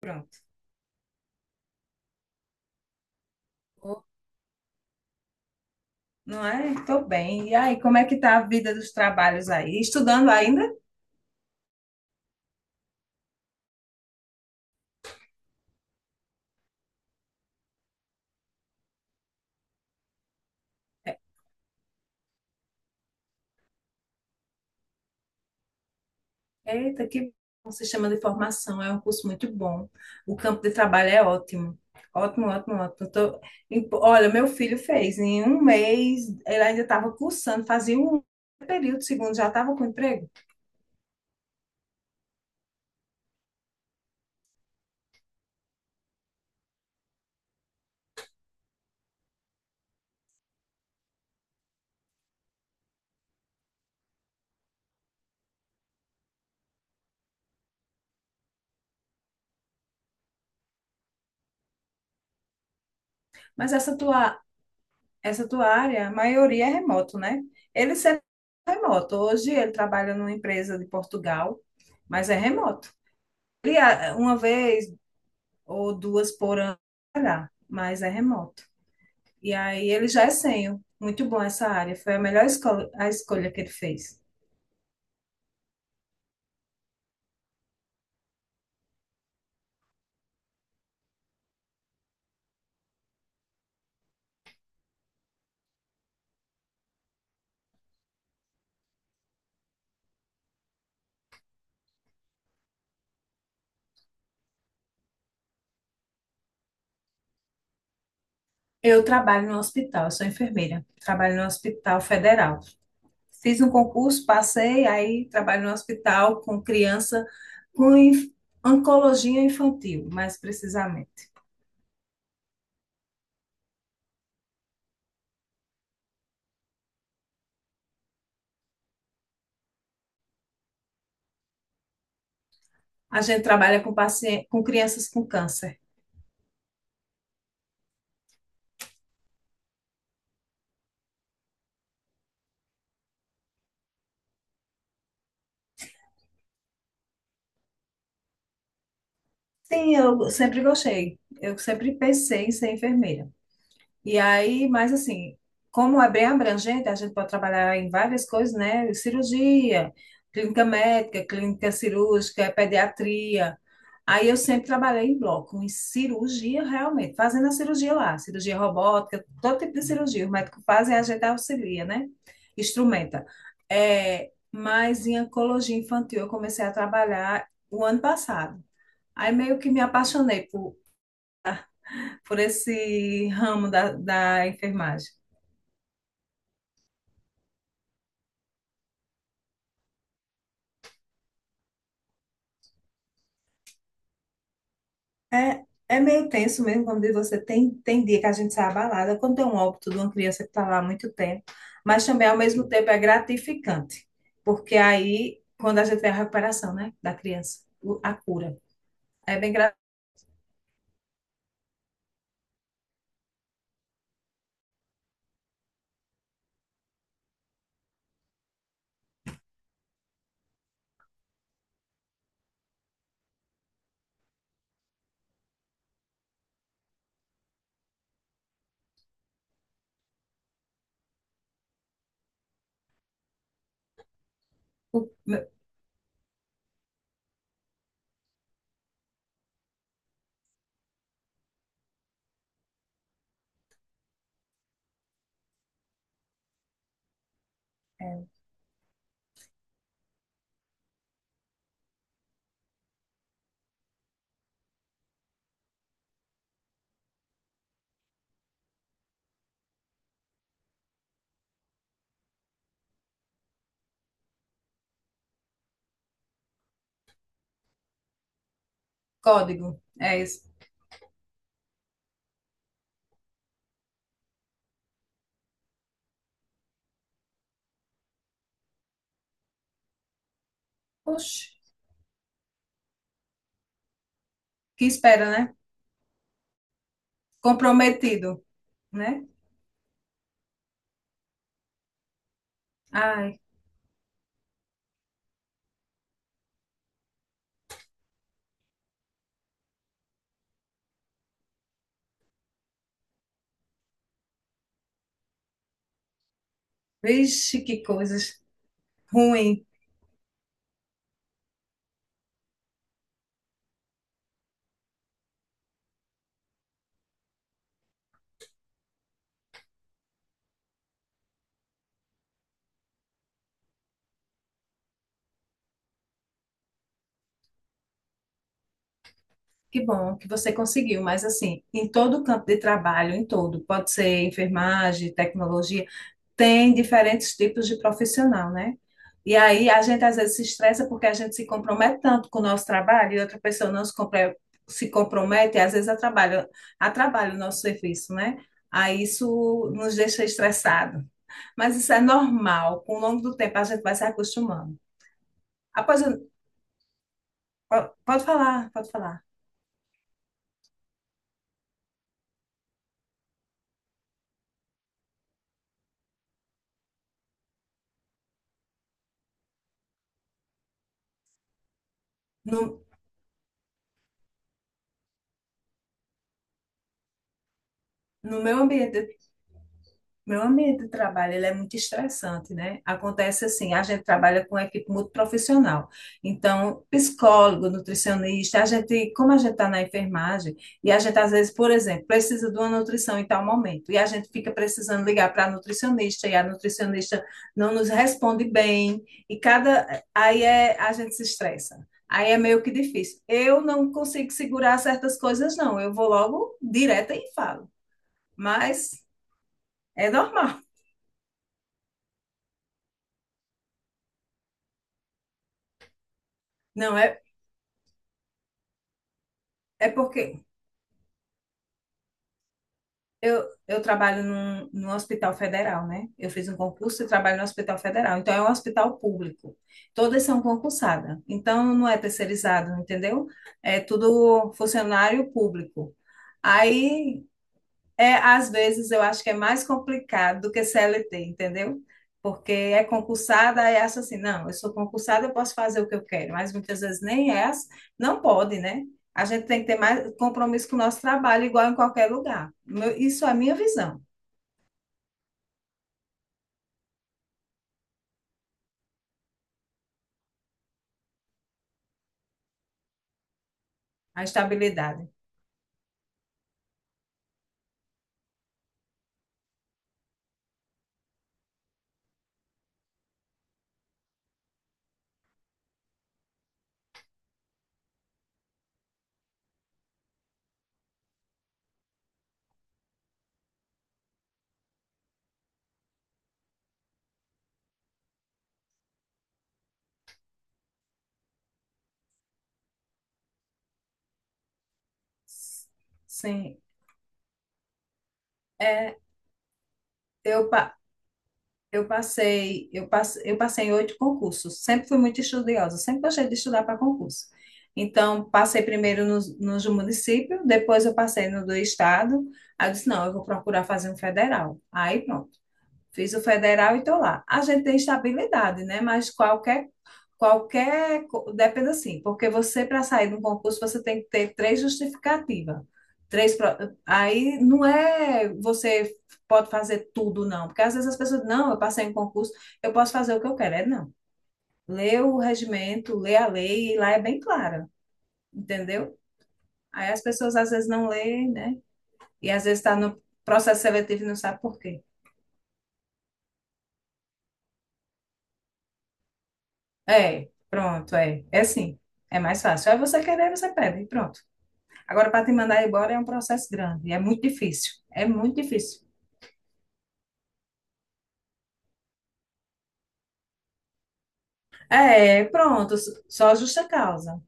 Pronto. Não é? Tô bem. E aí, como é que tá a vida dos trabalhos aí? Estudando ainda? É. Eita, que bom. Se chama de formação, é um curso muito bom. O campo de trabalho é ótimo. Ótimo, ótimo, ótimo. Tô... Olha, meu filho fez em um mês, ele ainda estava cursando, fazia um período, segundo, já estava com emprego. Mas essa tua, essa tua área, a maioria é remoto, né? Ele sempre é remoto. Hoje ele trabalha numa empresa de Portugal, mas é remoto. Ele, ah, uma vez ou duas por ano, mas é remoto. E aí ele já é sênior. Muito bom essa área. Foi a melhor escolha, a escolha que ele fez. Eu trabalho no hospital, eu sou enfermeira. Trabalho no Hospital Federal. Fiz um concurso, passei, aí trabalho no hospital com criança com inf- oncologia infantil, mais precisamente. A gente trabalha com paciente, com crianças com câncer. Sim, eu sempre gostei. Eu sempre pensei em ser enfermeira. E aí, mas assim, como é bem abrangente, a gente pode trabalhar em várias coisas, né? Cirurgia, clínica médica, clínica cirúrgica, pediatria. Aí eu sempre trabalhei em bloco, em cirurgia realmente, fazendo a cirurgia lá, cirurgia robótica, todo tipo de cirurgia. O médico faz e a gente auxilia, né? Instrumenta. É, mas em oncologia infantil eu comecei a trabalhar o ano passado. Aí meio que me apaixonei por esse ramo da enfermagem. É, é meio tenso mesmo quando você tem dia que a gente sai abalada, quando tem um óbito de uma criança que está lá há muito tempo, mas também ao mesmo tempo é gratificante, porque aí, quando a gente vê a recuperação, né, da criança, a cura, é bem gra... é, código, é isso. Oxe, que espera, né? Comprometido, né? Ai, vixe, que coisas ruim. Que bom que você conseguiu, mas assim, em todo o campo de trabalho, em todo, pode ser enfermagem, tecnologia, tem diferentes tipos de profissional, né? E aí a gente às vezes se estressa porque a gente se compromete tanto com o nosso trabalho e outra pessoa se compromete e às vezes atrapalha, atrapalha o nosso serviço, né? Aí isso nos deixa estressado. Mas isso é normal, com o longo do tempo a gente vai se acostumando. Após, pode falar, pode falar. No, no meu ambiente Meu ambiente de trabalho, ele é muito estressante, né? Acontece assim, a gente trabalha com equipe muito profissional. Então, psicólogo, nutricionista, a gente, como a gente está na enfermagem, e a gente às vezes, por exemplo, precisa de uma nutrição em tal momento, e a gente fica precisando ligar para a nutricionista, e a nutricionista não nos responde bem, e cada, aí é, a gente se estressa. Aí é meio que difícil. Eu não consigo segurar certas coisas, não. Eu vou logo direta e falo. Mas é normal. Não, é, é porque eu trabalho num hospital federal, né? Eu fiz um concurso e trabalho no hospital federal. Então, é um hospital público. Todas são concursadas. Então, não é terceirizado, entendeu? É tudo funcionário público. Aí, é, às vezes eu acho que é mais complicado do que CLT, entendeu? Porque é concursada e acha assim, não, eu sou concursada, eu posso fazer o que eu quero, mas muitas vezes nem é, ass- não pode, né? A gente tem que ter mais compromisso com o nosso trabalho, igual em qualquer lugar. Isso é a minha visão, a estabilidade. Sim, é, eu, pa- eu passei, eu passei em 8 concursos. Sempre fui muito estudiosa, sempre gostei de estudar para concurso. Então, passei primeiro nos do município, depois eu passei no do estado. Aí eu disse, não, eu vou procurar fazer um federal. Aí, pronto. Fiz o federal e estou lá. A gente tem estabilidade, né? Mas qualquer, depende assim, porque você, para sair de um concurso, você tem que ter 3 justificativas. Aí não é você pode fazer tudo, não. Porque às vezes as pessoas, não, eu passei em concurso, eu posso fazer o que eu quero. É não. Lê o regimento, lê a lei, e lá é bem clara, entendeu? Aí as pessoas às vezes não leem, né? E às vezes está no processo seletivo e não sabe por quê. É, pronto, é. É assim. É mais fácil. É você querer, você pede, e pronto. Agora, para te mandar embora é um processo grande, é muito difícil. É muito difícil. É, pronto, só justa causa.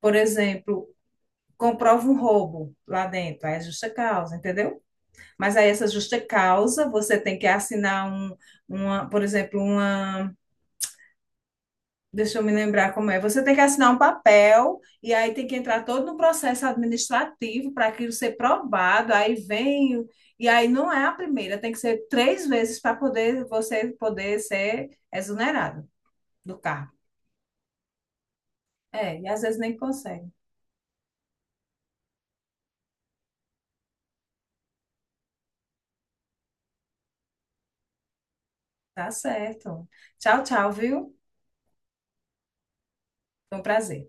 Por exemplo, comprova um roubo lá dentro, aí é justa causa, entendeu? Mas aí essa justa causa, você tem que assinar um, uma, por exemplo, uma Deixa eu me lembrar como é. Você tem que assinar um papel e aí tem que entrar todo no processo administrativo para aquilo ser provado. Aí vem, o- e aí não é a primeira, tem que ser 3 vezes para poder você poder ser exonerado do cargo. É, e às vezes nem consegue. Tá certo. Tchau, tchau, viu? Foi um prazer.